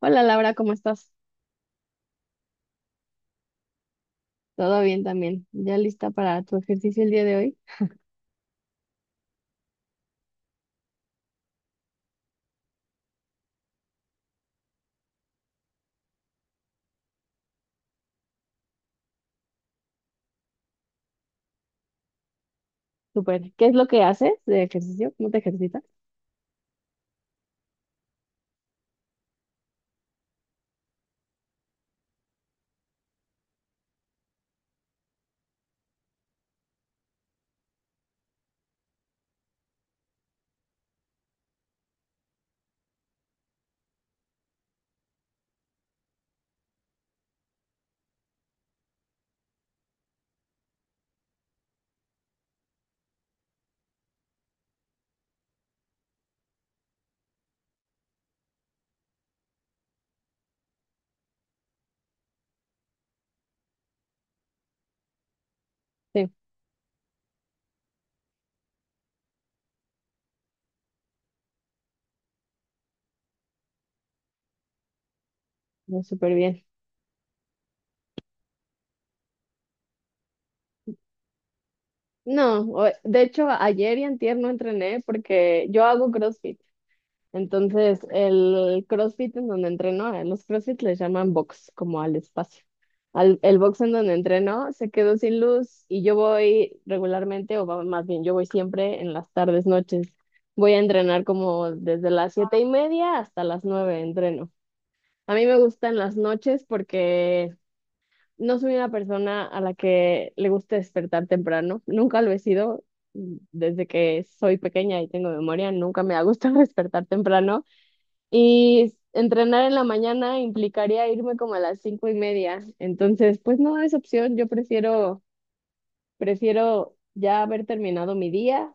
Hola Laura, ¿cómo estás? Todo bien también. ¿Ya lista para tu ejercicio el día de hoy? Súper. ¿Qué es lo que haces de ejercicio? ¿Cómo te ejercitas? Sí, no, súper bien. No, de hecho ayer y antier no entrené porque yo hago CrossFit. Entonces, el CrossFit en donde entreno, a los CrossFit les llaman box, como al espacio. Al, el box en donde entreno se quedó sin luz y yo voy regularmente, más bien, yo voy siempre en las tardes, noches. Voy a entrenar como desde las 7:30 hasta las 9 entreno. A mí me gustan las noches porque no soy una persona a la que le gusta despertar temprano. Nunca lo he sido. Desde que soy pequeña y tengo memoria, nunca me ha gustado despertar temprano. Y entrenar en la mañana implicaría irme como a las 5:30. Entonces, pues no es opción. Yo prefiero ya haber terminado mi día.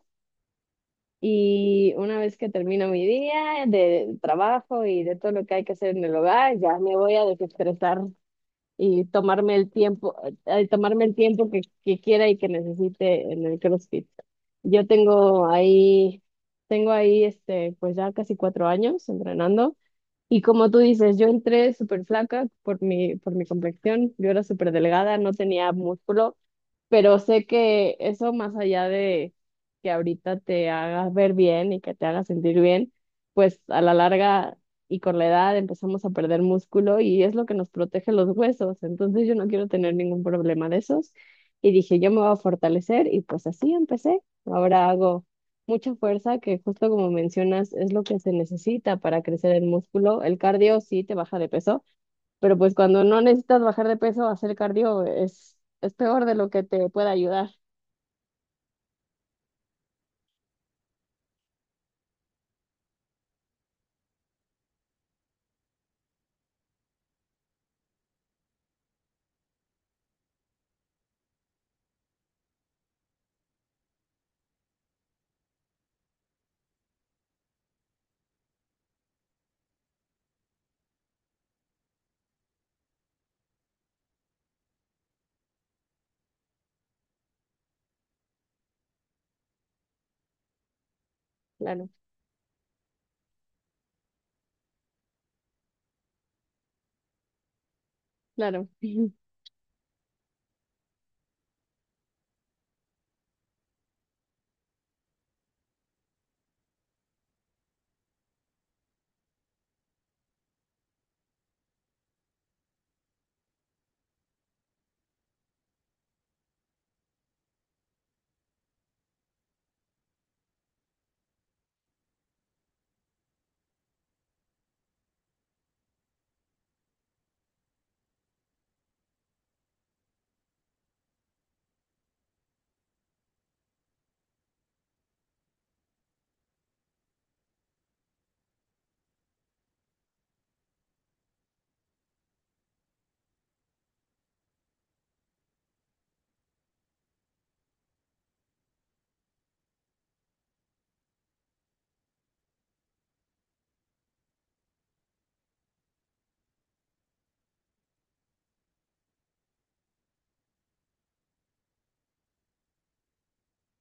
Y una vez que termino mi día de trabajo y de todo lo que hay que hacer en el hogar, ya me voy a desestresar y tomarme el tiempo que quiera y que necesite en el CrossFit. Yo tengo ahí, tengo ahí pues ya casi 4 años entrenando. Y como tú dices, yo entré súper flaca por mi complexión, yo era súper delgada, no tenía músculo, pero sé que eso más allá de que ahorita te hagas ver bien y que te haga sentir bien, pues a la larga y con la edad empezamos a perder músculo y es lo que nos protege los huesos. Entonces yo no quiero tener ningún problema de esos. Y dije, yo me voy a fortalecer y pues así empecé. Ahora hago mucha fuerza que justo como mencionas es lo que se necesita para crecer el músculo. El cardio sí te baja de peso pero pues cuando no necesitas bajar de peso, hacer cardio es peor de lo que te puede ayudar. Claro, claro.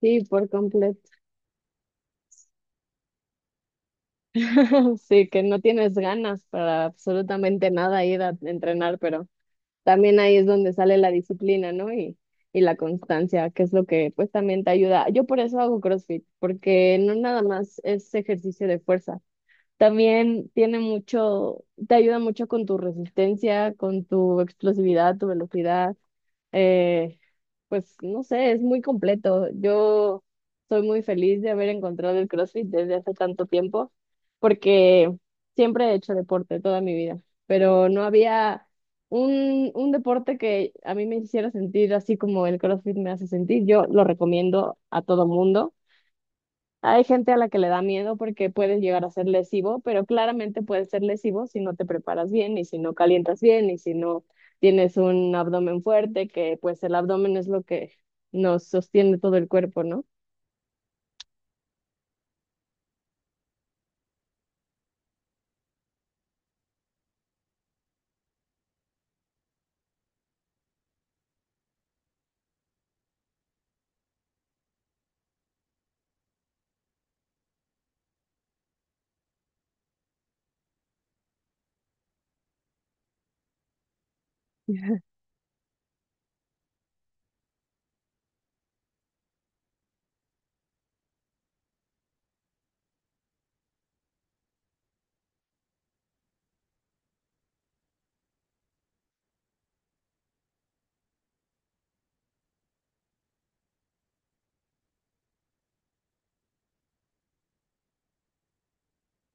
Sí, por completo. Sí, que no tienes ganas para absolutamente nada ir a entrenar, pero también ahí es donde sale la disciplina, ¿no? Y la constancia, que es lo que pues también te ayuda. Yo por eso hago CrossFit, porque no nada más es ejercicio de fuerza. También tiene mucho, te ayuda mucho con tu resistencia, con tu explosividad, tu velocidad. eh, Pues no sé, es muy completo. Yo soy muy feliz de haber encontrado el CrossFit desde hace tanto tiempo, porque siempre he hecho deporte toda mi vida, pero no había un deporte que a mí me hiciera sentir así como el CrossFit me hace sentir. Yo lo recomiendo a todo mundo. Hay gente a la que le da miedo porque puede llegar a ser lesivo, pero claramente puede ser lesivo si no te preparas bien y si no calientas bien y si no tienes un abdomen fuerte, que pues el abdomen es lo que nos sostiene todo el cuerpo, ¿no?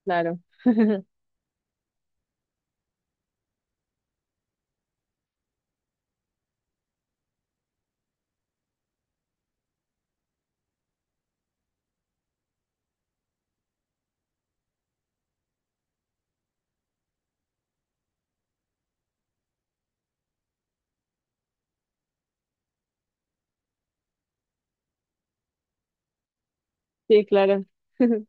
Claro. Sí, claro.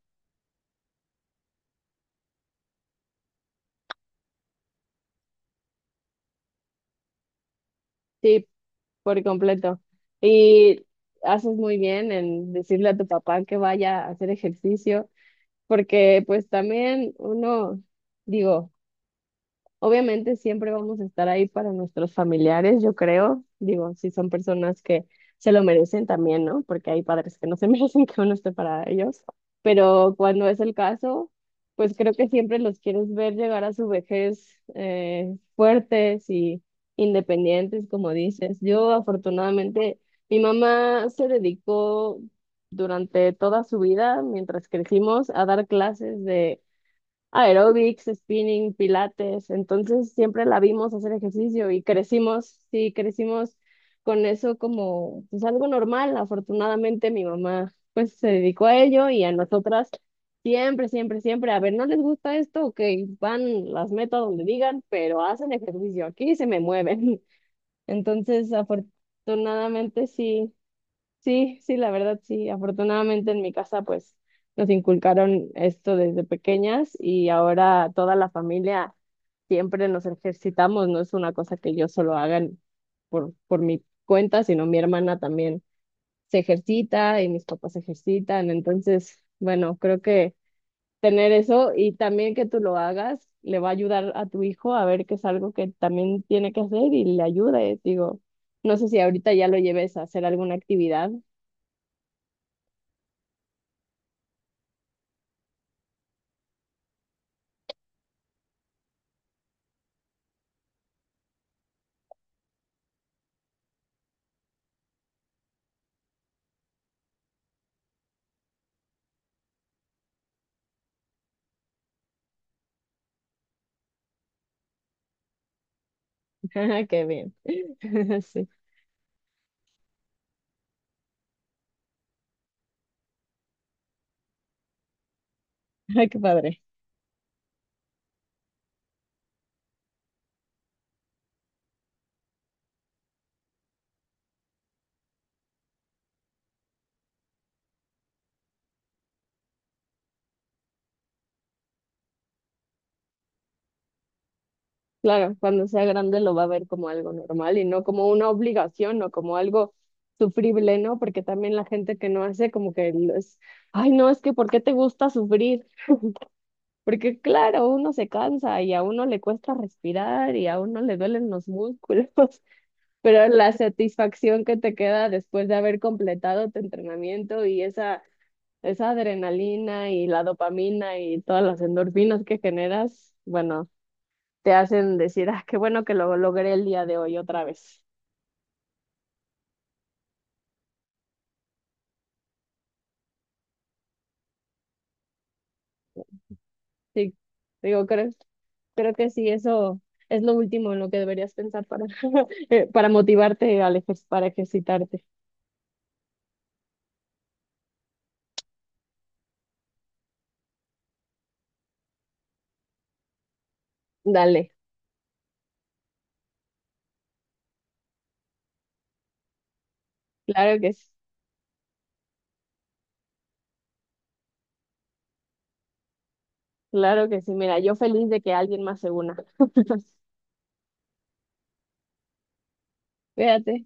Sí, por completo. Y haces muy bien en decirle a tu papá que vaya a hacer ejercicio, porque pues también uno, digo, obviamente siempre vamos a estar ahí para nuestros familiares, yo creo. Digo, si son personas que se lo merecen también, ¿no? Porque hay padres que no se merecen que uno esté para ellos. Pero cuando es el caso, pues creo que siempre los quieres ver llegar a su vejez, fuertes y independientes, como dices. Yo afortunadamente, mi mamá se dedicó durante toda su vida, mientras crecimos, a dar clases aeróbics, spinning, pilates. Entonces siempre la vimos hacer ejercicio y crecimos, sí, crecimos con eso como pues algo normal. Afortunadamente mi mamá pues se dedicó a ello y a nosotras siempre, siempre, siempre, a ver, ¿no les gusta esto? Ok, van, las meto a donde digan, pero hacen ejercicio aquí y se me mueven. Entonces, afortunadamente sí. Sí, sí, la verdad sí. Afortunadamente en mi casa pues nos inculcaron esto desde pequeñas y ahora toda la familia siempre nos ejercitamos, no es una cosa que yo solo haga por mi cuenta, sino mi hermana también se ejercita y mis papás se ejercitan. Entonces, bueno, creo que tener eso y también que tú lo hagas le va a ayudar a tu hijo a ver que es algo que también tiene que hacer y le ayude. Digo, no sé si ahorita ya lo lleves a hacer alguna actividad. Ajá, qué bien. Sí. Ay, qué padre. Claro, cuando sea grande lo va a ver como algo normal y no como una obligación o como algo sufrible, ¿no? Porque también la gente que no hace como que lo es, ay, no, es que ¿por qué te gusta sufrir? Porque claro, uno se cansa y a uno le cuesta respirar y a uno le duelen los músculos, pero la satisfacción que te queda después de haber completado tu entrenamiento y esa adrenalina y la dopamina y todas las endorfinas que generas, bueno, te hacen decir, ah, qué bueno que lo logré el día de hoy otra vez. Sí, digo, creo, creo que sí, eso es lo último en lo que deberías pensar para, para motivarte al para ejercitarte. Dale, claro que sí, claro que sí. Mira, yo feliz de que alguien más se una. Fíjate.